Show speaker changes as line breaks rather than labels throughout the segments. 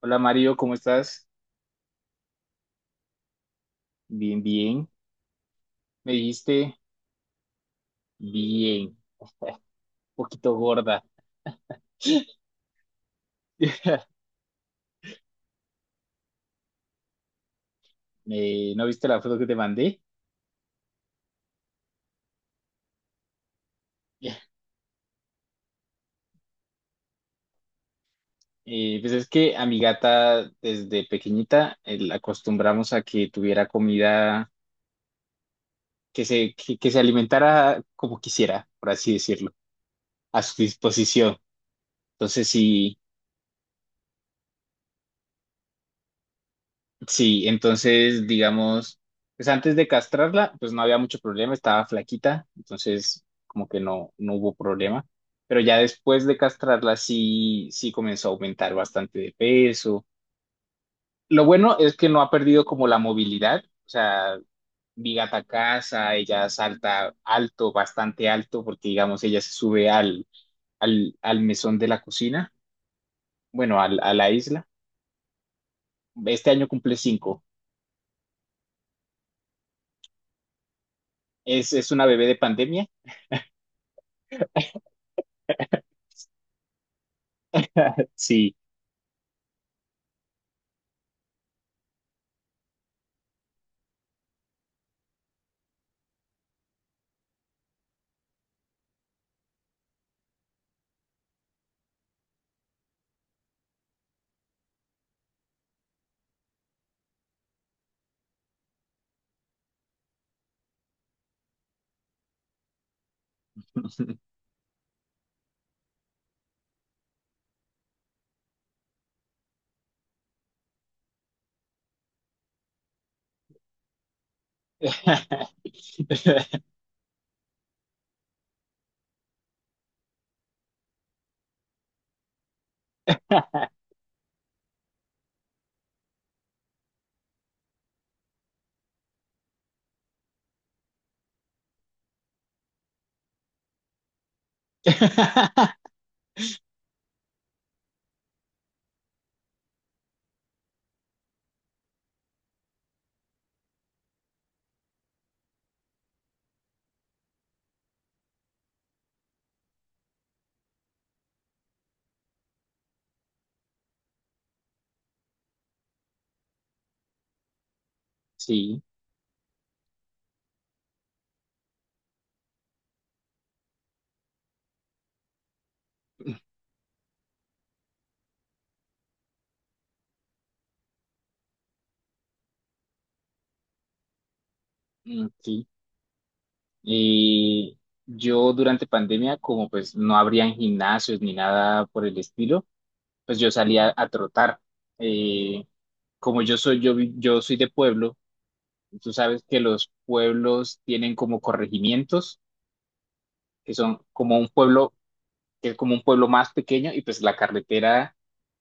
Hola Mario, ¿cómo estás? Bien, bien. Me dijiste bien, un poquito gorda. ¿No viste la foto que te mandé? Pues es que a mi gata desde pequeñita la acostumbramos a que tuviera comida, que se alimentara como quisiera, por así decirlo, a su disposición. Entonces, sí. Sí, entonces, digamos, pues antes de castrarla, pues no había mucho problema, estaba flaquita, entonces como que no hubo problema. Pero ya después de castrarla, sí, sí comenzó a aumentar bastante de peso. Lo bueno es que no ha perdido como la movilidad, o sea, mi gata casa, ella salta alto, bastante alto, porque digamos, ella se sube al mesón de la cocina, bueno, a la isla. Este año cumple 5. Es una bebé de pandemia, sí. Sí, mm, sí. Y yo durante pandemia, como pues no habrían gimnasios ni nada por el estilo, pues yo salía a trotar. Eh, Como yo soy, yo soy de pueblo, tú sabes que los pueblos tienen como corregimientos, que son como un pueblo, que es como un pueblo más pequeño, y pues la carretera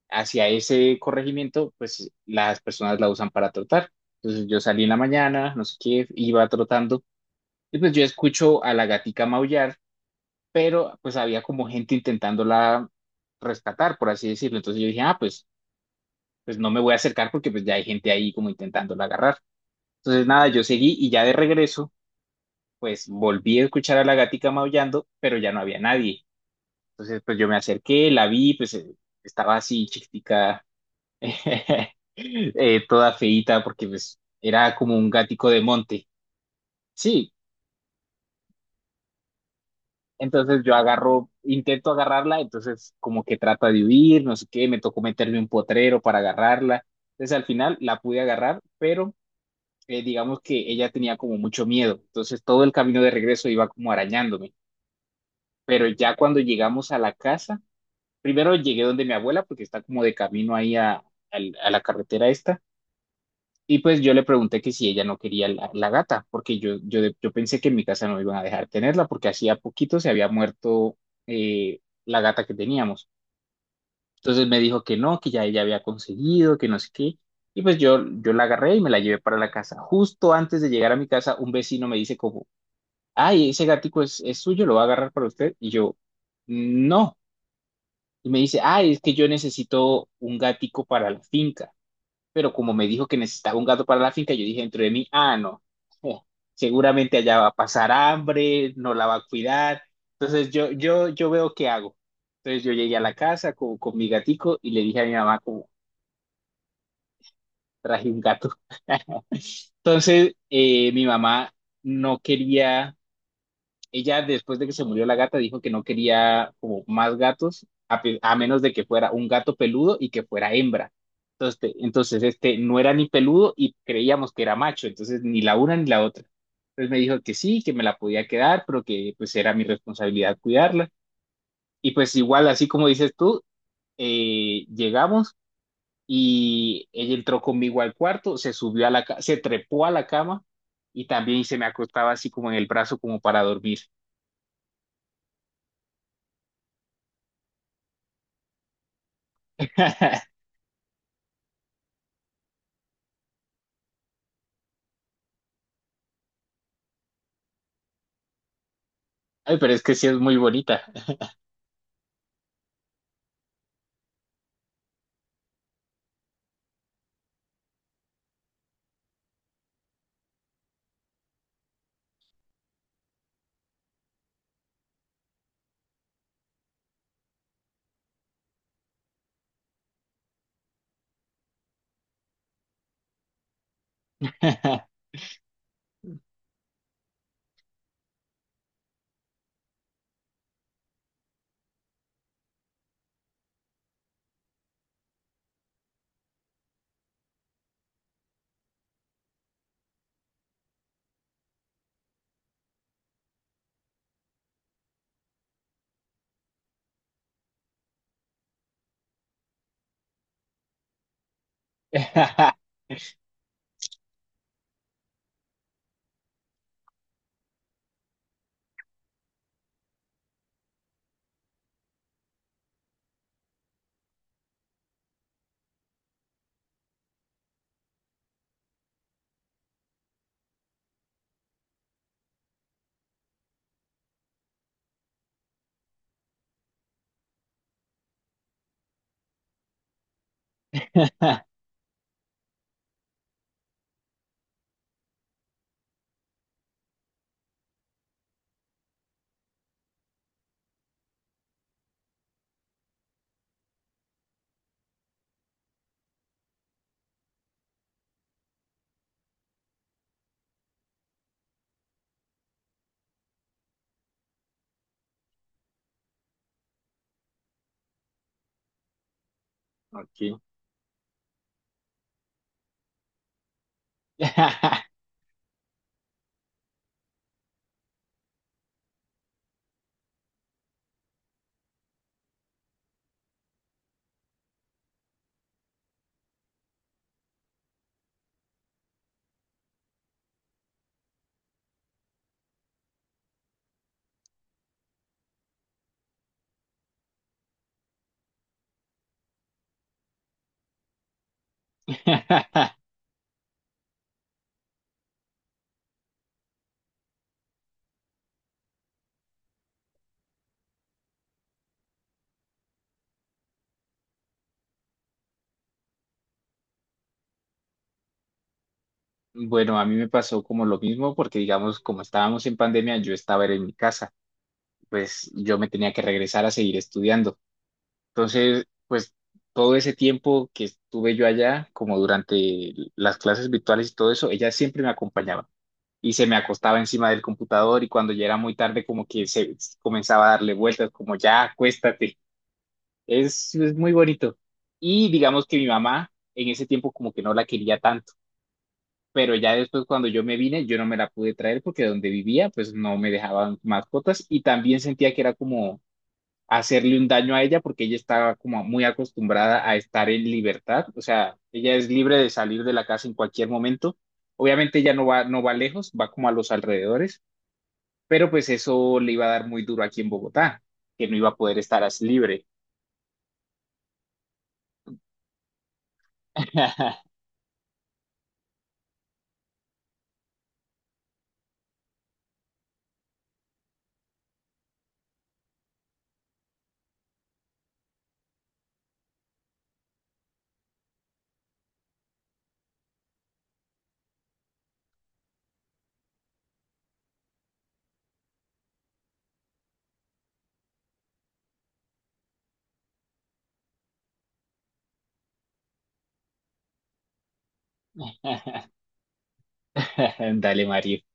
hacia ese corregimiento, pues las personas la usan para trotar. Entonces yo salí en la mañana, no sé qué, iba trotando y pues yo escucho a la gatica maullar, pero pues había como gente intentándola rescatar, por así decirlo. Entonces yo dije, ah, pues no me voy a acercar porque pues ya hay gente ahí como intentándola agarrar. Entonces nada, yo seguí y ya de regreso, pues volví a escuchar a la gatica maullando, pero ya no había nadie. Entonces pues yo me acerqué, la vi, pues estaba así chiquitica toda feíta porque pues era como un gatico de monte. Sí, entonces yo agarro, intento agarrarla, entonces como que trata de huir, no sé qué, me tocó meterme un potrero para agarrarla. Entonces al final la pude agarrar, pero digamos que ella tenía como mucho miedo, entonces todo el camino de regreso iba como arañándome. Pero ya cuando llegamos a la casa, primero llegué donde mi abuela porque está como de camino ahí a, a la carretera esta. Y pues yo le pregunté que si ella no quería la gata, porque yo pensé que en mi casa no iban a dejar tenerla, porque hacía poquito se había muerto la gata que teníamos. Entonces me dijo que no, que ya ella había conseguido, que no sé qué. Y pues yo la agarré y me la llevé para la casa. Justo antes de llegar a mi casa, un vecino me dice como, ay, ese gatico es suyo, lo va a agarrar para usted. Y yo, no. Y me dice, ay, es que yo necesito un gatico para la finca pero como me dijo que necesitaba un gato para la finca, yo dije dentro de mí, ah, no, eh, seguramente allá va a pasar hambre, no la va a cuidar. Entonces yo veo qué hago. Entonces yo llegué a la casa con mi gatico y le dije a mi mamá como traje un gato. Entonces mi mamá no quería ella después de que se murió la gata dijo que no quería como más gatos, a, pe- a menos de que fuera un gato peludo y que fuera hembra. Entonces, te- entonces, este no era ni peludo y creíamos que era macho, entonces ni la una ni la otra. Entonces me dijo que sí, que me la podía quedar, pero que pues era mi responsabilidad cuidarla. Y pues igual, así como dices tú, llegamos y ella entró conmigo al cuarto, se subió a la, se trepó a la cama y también se me acostaba así como en el brazo como para dormir. Ay, pero es que sí es muy bonita. Ok. Bueno, a mí me pasó como lo mismo porque, digamos, como estábamos en pandemia, yo estaba era en mi casa, pues yo me tenía que regresar a seguir estudiando. Entonces, pues todo ese tiempo que estuve yo allá, como durante las clases virtuales y todo eso, ella siempre me acompañaba y se me acostaba encima del computador y cuando ya era muy tarde, como que se comenzaba a darle vueltas, como ya, acuéstate. Es muy bonito. Y digamos que mi mamá en ese tiempo como que no la quería tanto, pero ya después cuando yo me vine, yo no me la pude traer porque donde vivía pues no me dejaban mascotas y también sentía que era como hacerle un daño a ella porque ella estaba como muy acostumbrada a estar en libertad, o sea, ella es libre de salir de la casa en cualquier momento. Obviamente ella no va lejos, va como a los alrededores, pero pues eso le iba a dar muy duro aquí en Bogotá, que no iba a poder estar así libre. Dale, Mario.